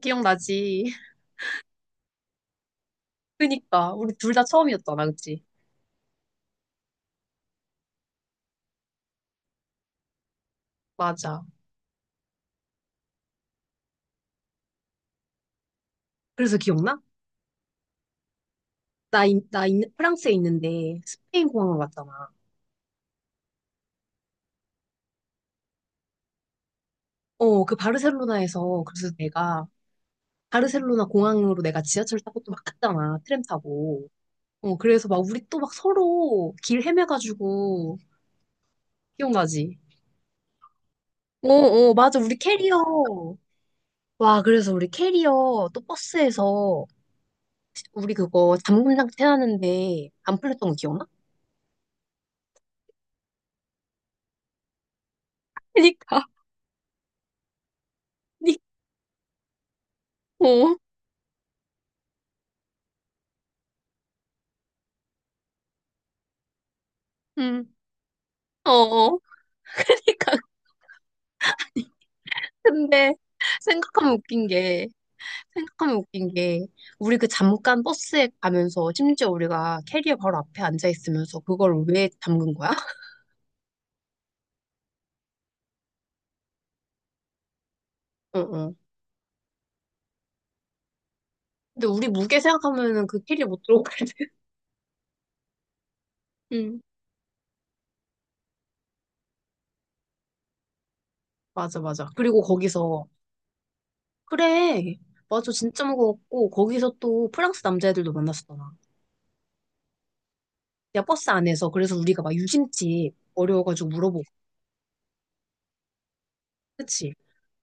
기억나지? 그니까 우리 둘 다 처음이었잖아, 그치? 맞아. 그래서 기억나? 프랑스에 있는데 스페인 공항을 왔잖아. 어, 그 바르셀로나에서 그래서 내가 바르셀로나 공항으로 내가 지하철 타고 또 막 갔잖아, 트램 타고. 어, 그래서 막 우리 또 막 서로 길 헤매가지고 기억나지? 어, 어, 맞아. 우리 캐리어. 와, 그래서 우리 캐리어 또 버스에서 우리 그거 잠금장 태하는데 안 풀렸던 거 기억나? 그니까. 니- 어. 음, 어, 어. 그러니까 근데 생각하면 웃긴 게 생각하면 웃긴 게 우리 그 잠깐 버스에 가면서 심지어 우리가 캐리어 바로 앞에 앉아 있으면서 그걸 왜 잠근 거야? 응, 응. 근데 우리 무게 생각하면은 그 캐리어 못 들어가거든. 응, 맞아, 맞아. 그리고 거기서 그래, 맞아, 진짜 무거웠고 거기서 또 프랑스 남자애들도 만났었잖아. 야, 버스 안에서 그래서 우리가 막 유심칩 어려워가지고 물어보고, 그치?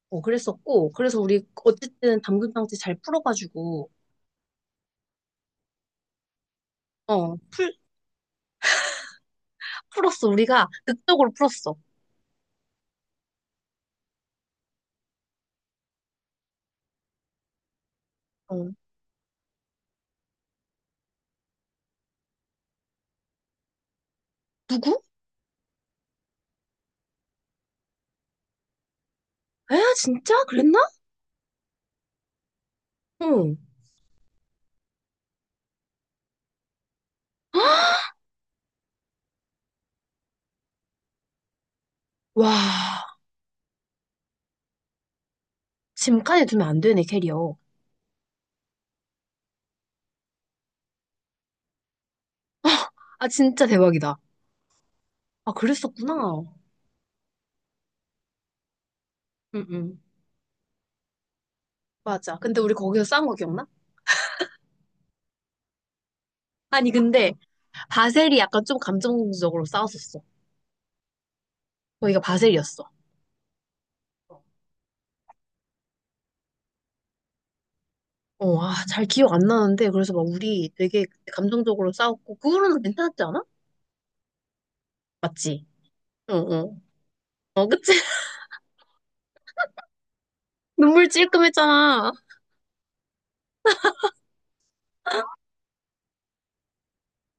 어, 그랬었고, 그래서 우리 어쨌든 담금 장치 잘 풀어가지고, 어, 풀, 다 풀었어. 우리가 극적으로 풀었어. 어, 누구? 에? 진짜? 그랬나? 응. 와, 짐칸에 두면 안 되네, 캐리어. 아, 진짜 대박이다. 아, 그랬었구나. 응, 응. 맞아. 근데 우리 거기서 싸운 거 기억나? 아니, 근데 바셀이 약간 좀 감정적으로 싸웠었어. 거기가 바셀이었어. 어, 아, 잘 기억 안 나는데, 그래서 막 우리 되게 감정적으로 싸웠고, 그 후로는 괜찮았지 않아? 맞지? 어, 어. 어, 그치? 눈물 찔끔했잖아.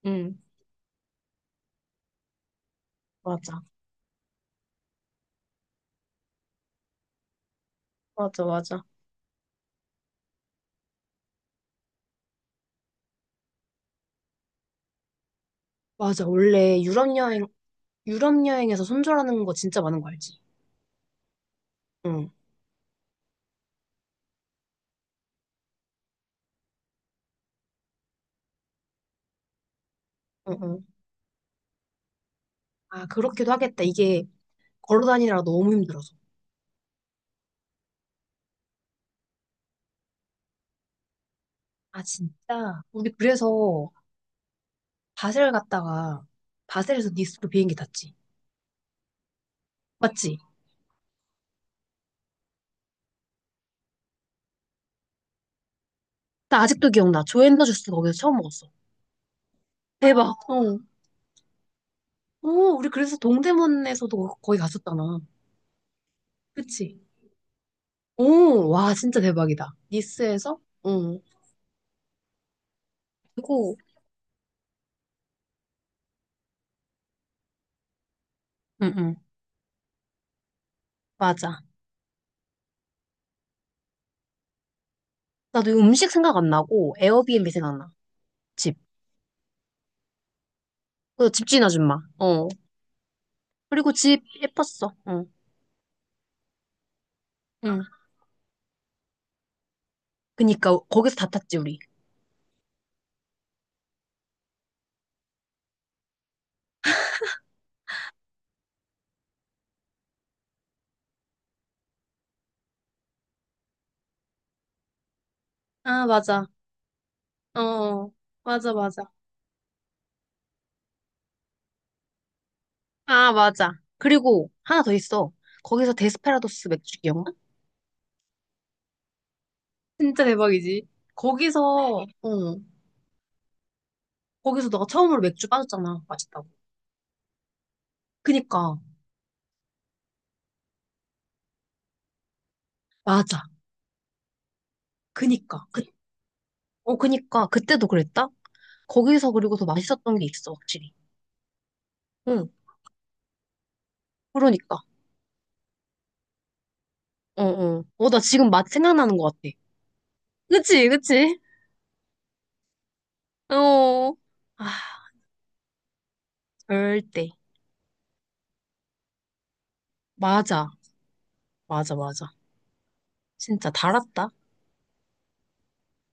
응, 맞아. 맞아, 맞아. 맞아. 원래 유럽 여행에서 손절하는 거 진짜 많은 거 알지? 응. 응, 응. 아, 그렇기도 하겠다. 이게 걸어 다니느라 너무 힘들어서. 아, 진짜. 우리 그래서 바셀 갔다가 바셀에서 니스로 비행기 탔지. 맞지? 나 아직도 기억나. 조앤더 주스 거기서 처음 먹었어. 대박. 어. 오, 우리 그래서 동대문에서도 거기 갔었잖아. 그치? 오, 와, 진짜 대박이다. 니스에서? 응 그리고 응, 응. 맞아. 나도 이거 음식 생각 안 나고, 에어비앤비 생각나. 집. 그 집주인 아줌마. 어. 그리고 집 예뻤어. 응. 응. 그니까, 거기서 다 탔지, 우리. 아, 맞아. 어, 어. 맞아, 맞아. 아, 맞아. 그리고 하나 더 있어. 거기서 데스페라도스 맥주 기억나? 진짜 대박이지. 거기서, 어, 거기서 너가 처음으로 맥주 빠졌잖아. 맛있다고. 그니까. 맞아. 그니까. 그, 어, 그니까. 그때도 그랬다? 거기서 그리고 더 맛있었던 게 있어, 확실히. 응. 그러니까. 어, 어. 어, 나 지금 맛 생각나는 것 같아. 그치, 그치? 어. 아, 절대. 맞아. 맞아, 맞아. 진짜 달았다.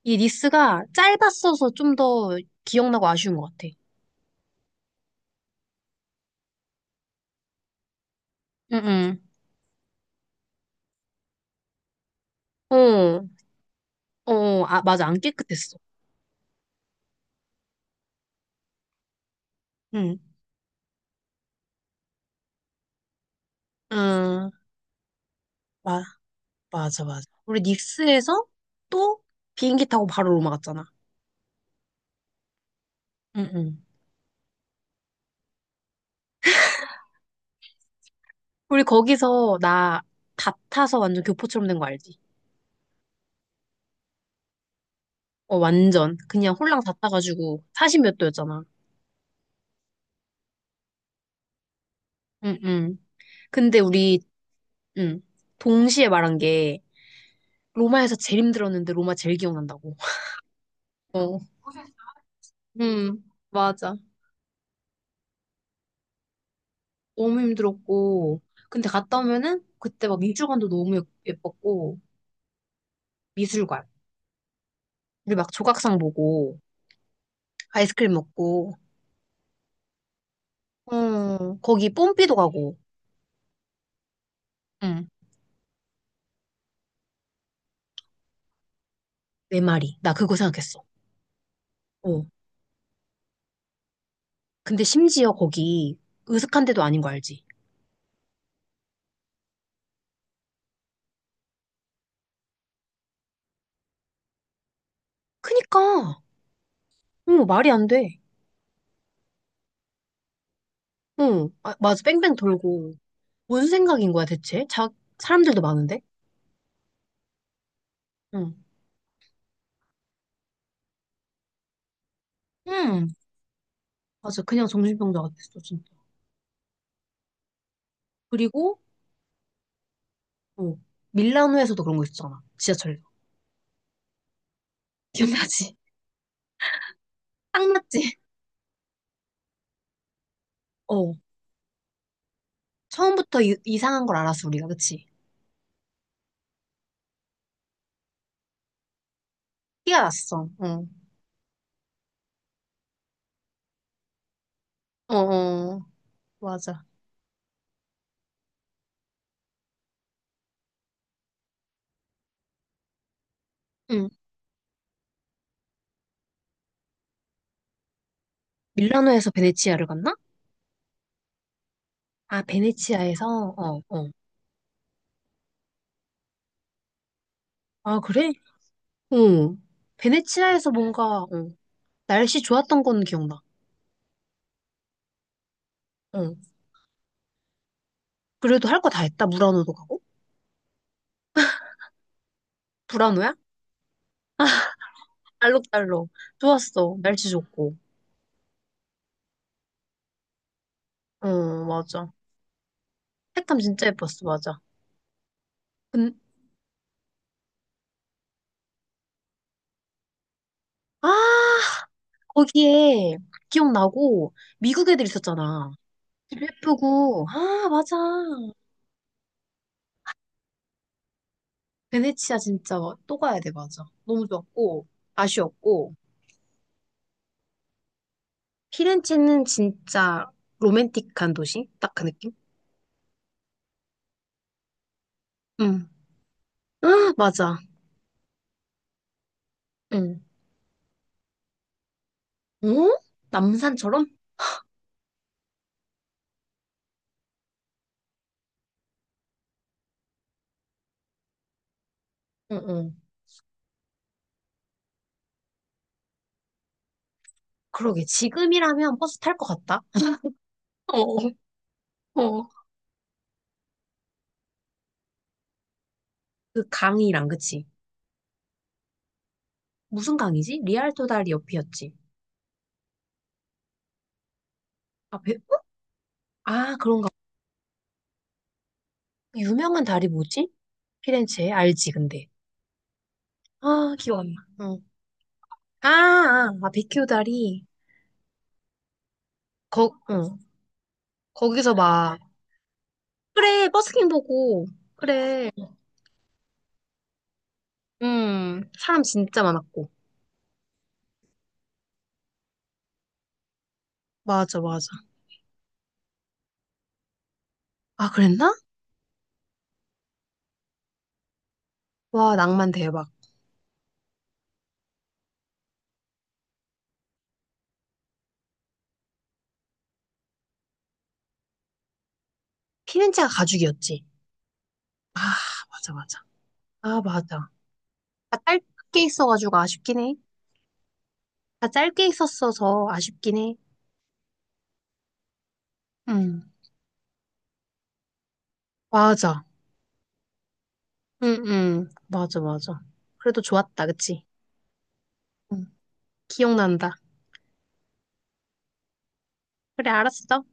이 니스가 짧았어서 좀 더 기억나고 아쉬운 것 같아. 응, 응. 어, 어, 아, 맞아. 안 깨끗했어. 응. 아, 마, 맞아, 맞아. 우리 닉스에서 또 비행기 타고 바로 로마 갔잖아. 응, 응. 우리 거기서 나 다 타서 완전 교포처럼 된 거 알지? 어, 완전. 그냥 홀랑 다 따가지고 사십 몇 도였잖아. 응, 응. 근데 우리, 응. 동시에 말한 게, 로마에서 제일 힘들었는데 로마 제일 기억난다고. 어. 음, 맞아. 너무 힘들었고. 근데 갔다 오면은 그때 막 미술관도 너무 예뻤고. 미술관. 우리 막 조각상 보고, 아이스크림 먹고, 어, 거기 뽐삐도 가고, 응. 내 말이. 나 그거 생각했어. 어. 근데 심지어 거기 으슥한 데도 아닌 거 알지? 그니까. 응, 말이 안 돼. 응, 아, 맞아. 뺑뺑 돌고. 무슨 생각인 거야, 대체? 자, 사람들도 많은데? 응, 응, 맞아. 그냥 정신병자 같았어, 진짜. 그리고, 어, 밀라노에서도 그런 거 있었잖아. 지하철에서. 기억나지? 딱 맞지? 어, 처음부터 이상한 걸 알았어, 우리가. 그치? 티가 났어. 어, 어, 어, 맞아. 응. 밀라노에서 베네치아를 갔나? 아, 베네치아에서? 어, 어. 아, 그래? 응. 베네치아에서 뭔가, 어, 날씨 좋았던 건 기억나. 어. 그래도 할 거 다 했다. 무라노도 가고. 무라노야? 알록달록. 좋았어. 날씨 좋고. 어, 맞아. 색감 진짜 예뻤어. 맞아. 근, 아, 거기에 기억나고 미국 애들 있었잖아. 집 예쁘고. 아, 맞아. 베네치아 진짜 또 가야 돼. 맞아. 너무 좋았고, 아쉬웠고. 피렌체는 진짜 로맨틱한 도시? 딱 그 느낌? 응. 아, 맞아. 응. 어? 남산처럼? 응, 응. 그러게. 지금이라면 버스 탈 것 같다. 어, 어. 그 강이랑, 그치? 무슨 강이지? 리알토 다리 옆이었지. 아, 배, 어? 아, 그런가. 유명한 다리 뭐지? 피렌체에? 알지, 근데. 아, 기억 안 나. 응. 아, 아, 아, 베큐 다리. 거, 응. 거기서 막, 그래, 버스킹 보고, 그래. 사람 진짜 많았고. 맞아, 맞아. 아, 그랬나? 와, 낭만 대박. 피렌체가 가죽이었지. 아, 맞아, 맞아. 아, 맞아. 다 짧게 있어가지고 아쉽긴 해. 다 짧게 있었어서 아쉽긴 해. 응, 맞아. 응, 응. 맞아, 맞아. 그래도 좋았다, 그치? 응. 기억난다. 그래, 알았어.